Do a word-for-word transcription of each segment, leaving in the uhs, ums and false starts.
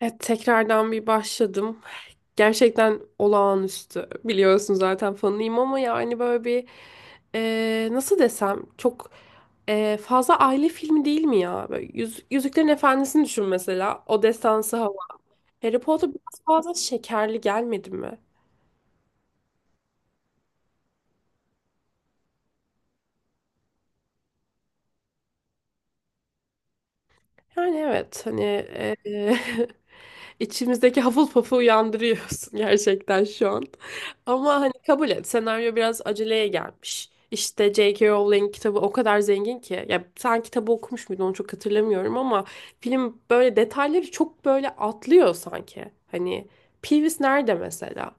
Evet, tekrardan bir başladım. Gerçekten olağanüstü. Biliyorsun zaten fanıyım ama yani böyle bir e, nasıl desem çok e, fazla aile filmi değil mi ya? Böyle Yüz, Yüzüklerin Efendisi'ni düşün mesela. O destansı hava. Harry Potter biraz fazla şekerli gelmedi mi? Yani evet hani e, e, içimizdeki Hufflepuff'u uyandırıyorsun gerçekten şu an. Ama hani kabul et senaryo biraz aceleye gelmiş. İşte J K. Rowling kitabı o kadar zengin ki. Ya sen kitabı okumuş muydun onu çok hatırlamıyorum ama film böyle detayları çok böyle atlıyor sanki. Hani Peeves nerede mesela?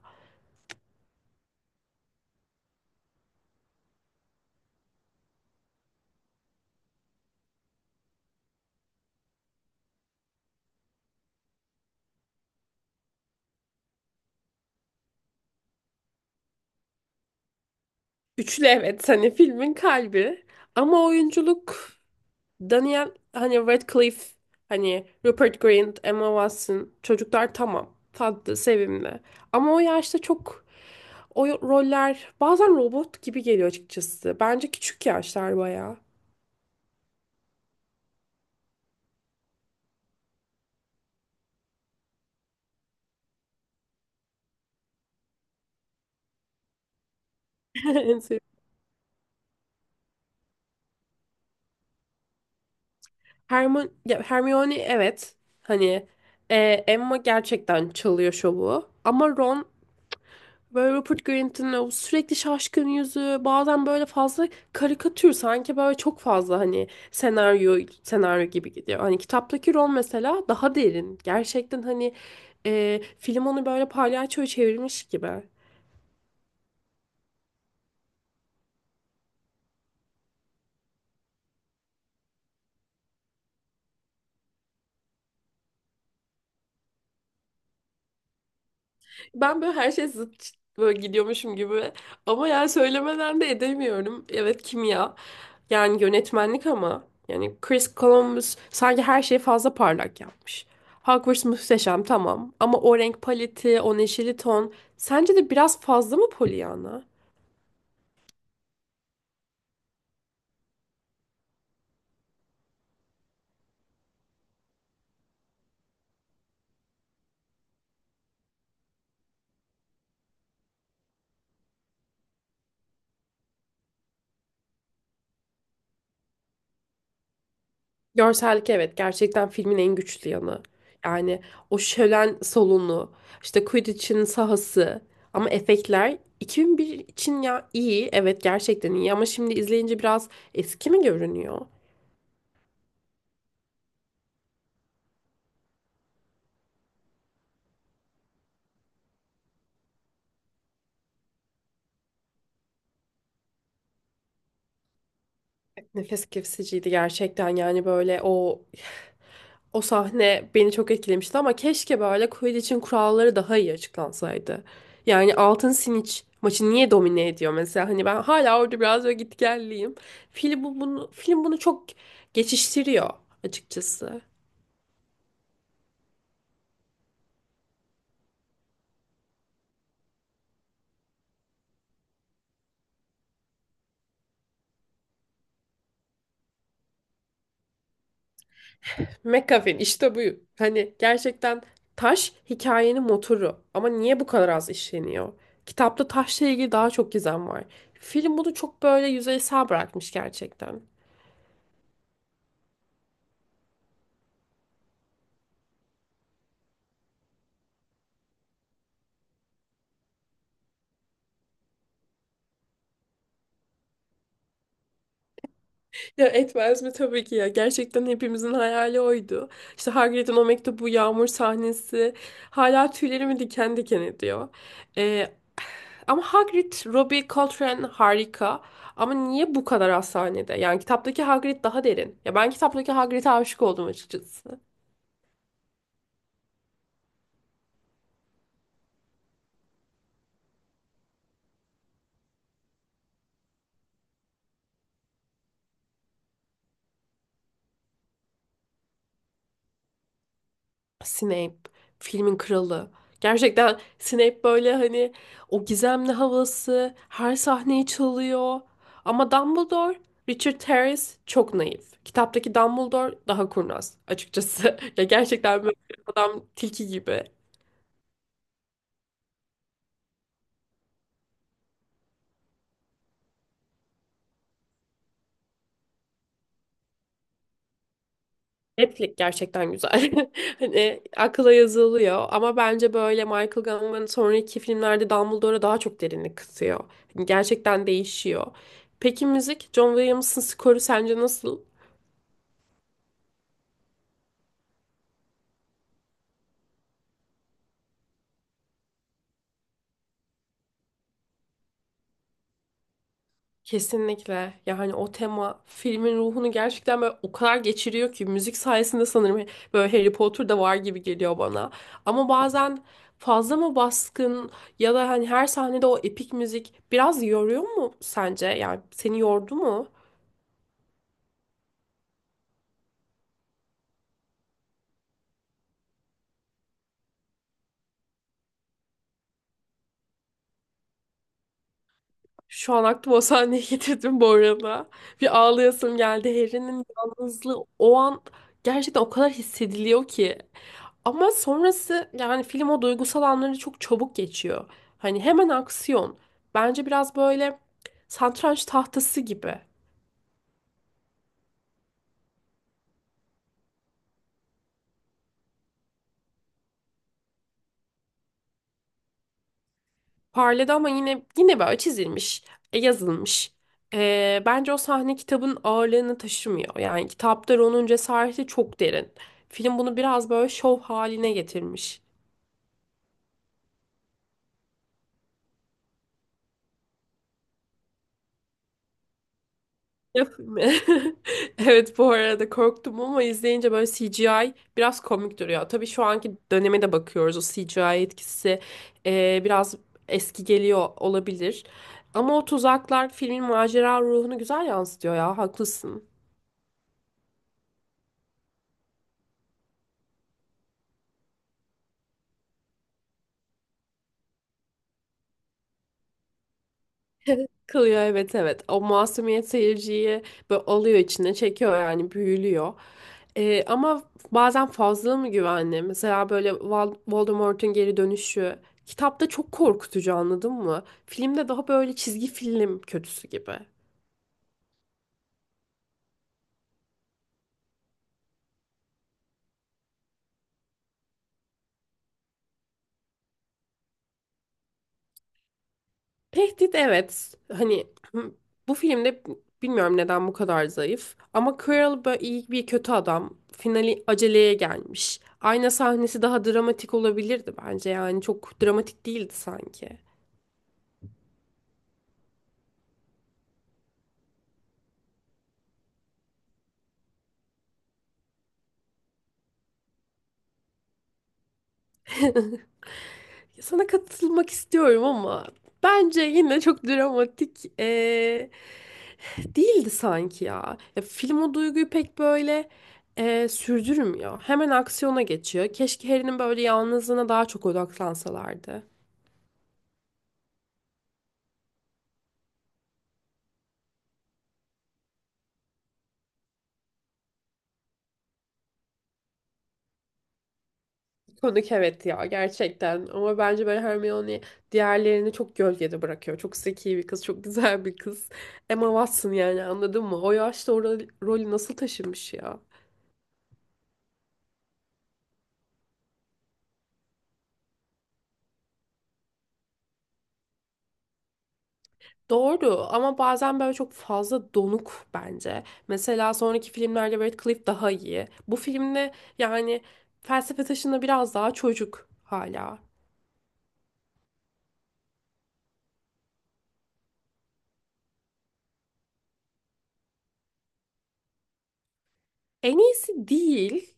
Üçlü evet hani filmin kalbi ama oyunculuk Daniel hani Radcliffe hani Rupert Grint, Emma Watson çocuklar tamam tatlı sevimli ama o yaşta çok o roller bazen robot gibi geliyor açıkçası. Bence küçük yaşlar bayağı. En sevdiğim- Hermione, ya Hermione evet hani e, Emma gerçekten çalıyor şovu ama Ron böyle Rupert Grint'in o sürekli şaşkın yüzü bazen böyle fazla karikatür sanki böyle çok fazla hani senaryo senaryo gibi gidiyor. Hani kitaptaki rol mesela daha derin. Gerçekten hani e, film onu böyle palyaçoya çevirmiş gibi. Ben böyle her şey zıt böyle gidiyormuşum gibi. Ama yani söylemeden de edemiyorum. Evet, kimya. Yani yönetmenlik ama. Yani Chris Columbus sanki her şeyi fazla parlak yapmış. Hogwarts muhteşem, tamam. Ama o renk paleti, o neşeli ton. Sence de biraz fazla mı Pollyanna? Görsellik evet, gerçekten filmin en güçlü yanı. Yani o şölen salonu, işte Quidditch'in sahası, ama efektler iki bin bir için ya iyi, evet gerçekten iyi ama şimdi izleyince biraz eski mi görünüyor? Nefes kesiciydi gerçekten, yani böyle o o sahne beni çok etkilemişti ama keşke böyle Quidditch'in kuralları daha iyi açıklansaydı. Yani altın Siniç maçı niye domine ediyor mesela, hani ben hala orada biraz böyle gitgelliyim. Film bu- bunu film bunu çok geçiştiriyor açıkçası. McAfee'in işte bu. Hani gerçekten taş hikayenin motoru. Ama niye bu kadar az işleniyor? Kitapta taşla ilgili daha çok gizem var. Film bunu çok böyle yüzeysel bırakmış gerçekten. Ya etmez mi, tabii ki ya. Gerçekten hepimizin hayali oydu. İşte Hagrid'in o mektubu, yağmur sahnesi. Hala tüylerimi diken diken ediyor. Ee, ama Hagrid, Robbie Coltrane harika. Ama niye bu kadar az sahnede? Yani kitaptaki Hagrid daha derin. Ya ben kitaptaki Hagrid'e aşık oldum açıkçası. Snape filmin kralı. Gerçekten Snape böyle hani o gizemli havası her sahneyi çalıyor. Ama Dumbledore, Richard Harris çok naif. Kitaptaki Dumbledore daha kurnaz açıkçası. Ya gerçekten böyle adam tilki gibi. Netflix gerçekten güzel. Hani akıla yazılıyor ama bence böyle Michael Gambon'un sonraki filmlerde Dumbledore'a daha çok derinlik katıyor. Hani gerçekten değişiyor. Peki müzik, John Williams'ın skoru sence nasıl? Kesinlikle. Ya hani o tema filmin ruhunu gerçekten böyle o kadar geçiriyor ki müzik sayesinde sanırım böyle Harry Potter'da var gibi geliyor bana. Ama bazen fazla mı baskın, ya da hani her sahnede o epik müzik biraz yoruyor mu sence? Yani seni yordu mu? Şu an aklıma o sahneyi getirdim bu arada. Bir ağlayasım geldi. Harry'nin yalnızlığı o an gerçekten o kadar hissediliyor ki. Ama sonrası yani film o duygusal anları çok çabuk geçiyor. Hani hemen aksiyon. Bence biraz böyle satranç tahtası gibi. Parladı ama yine yine böyle çizilmiş, e, yazılmış. Ee, bence o sahne kitabın ağırlığını taşımıyor. Yani kitapta Ron'un cesareti çok derin. Film bunu biraz böyle şov haline getirmiş. Yapayım mı? Evet, bu arada korktum ama izleyince böyle C G I biraz komik duruyor. Tabii şu anki döneme de bakıyoruz. O C G I etkisi e, biraz eski geliyor olabilir. Ama o tuzaklar filmin macera ruhunu güzel yansıtıyor ya. Haklısın. Kılıyor, evet evet. O masumiyet seyirciyi böyle alıyor, içine çekiyor, yani büyülüyor. Ee, ama bazen fazla mı güvenli? Mesela böyle Val- Voldemort'un geri dönüşü. Kitapta çok korkutucu, anladın mı? Filmde daha böyle çizgi film kötüsü gibi. Tehdit evet. Hani hı, bu filmde bilmiyorum neden bu kadar zayıf. Ama Quirrell böyle iyi bir kötü adam. Finali aceleye gelmiş. Ayna sahnesi daha dramatik olabilirdi bence. Yani çok dramatik değildi sanki. Sana katılmak istiyorum ama bence yine çok dramatik, Ee, Değildi sanki ya. Ya film o duyguyu pek böyle e, sürdürmüyor. Hemen aksiyona geçiyor. Keşke Harry'nin böyle yalnızlığına daha çok odaklansalardı. Konuk evet ya, gerçekten. Ama bence böyle Hermione diğerlerini çok gölgede bırakıyor. Çok zeki bir kız, çok güzel bir kız. Emma Watson yani, anladın mı? O yaşta o ro- rolü nasıl taşımış ya? Doğru, ama bazen böyle çok fazla donuk bence. Mesela sonraki filmlerde Radcliffe daha iyi. Bu filmde yani felsefe taşında biraz daha çocuk hala. En iyisi değil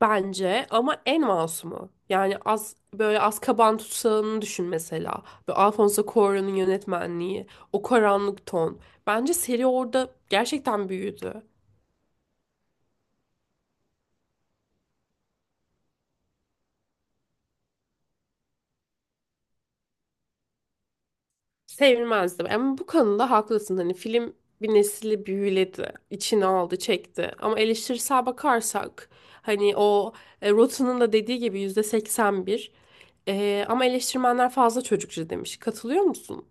bence ama en masumu. Yani az böyle Azkaban tutsağını düşün mesela. Böyle Alfonso Cuarón'un yönetmenliği, o karanlık ton. Bence seri orada gerçekten büyüdü. Sevilmezdim. Ama bu konuda haklısın. Hani film bir nesli büyüledi, içine aldı, çekti. Ama eleştirisel bakarsak hani o e, Rotten'ın da dediği gibi yüzde seksen bir. E, ama eleştirmenler fazla çocukça demiş. Katılıyor musun?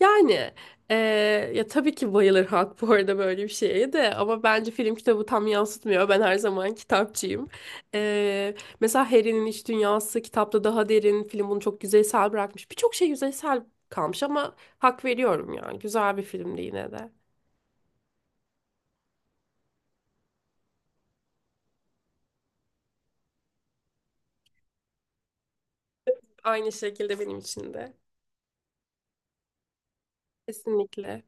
Yani eee, ya tabii ki bayılır halk bu arada böyle bir şeye de, ama bence film kitabı tam yansıtmıyor. Ben her zaman kitapçıyım. Eee, mesela Harry'nin iç dünyası kitapta daha derin. Film bunu çok yüzeysel bırakmış. Birçok şey yüzeysel kalmış ama hak veriyorum yani. Güzel bir filmdi yine de. Aynı şekilde benim için de. Kesinlikle.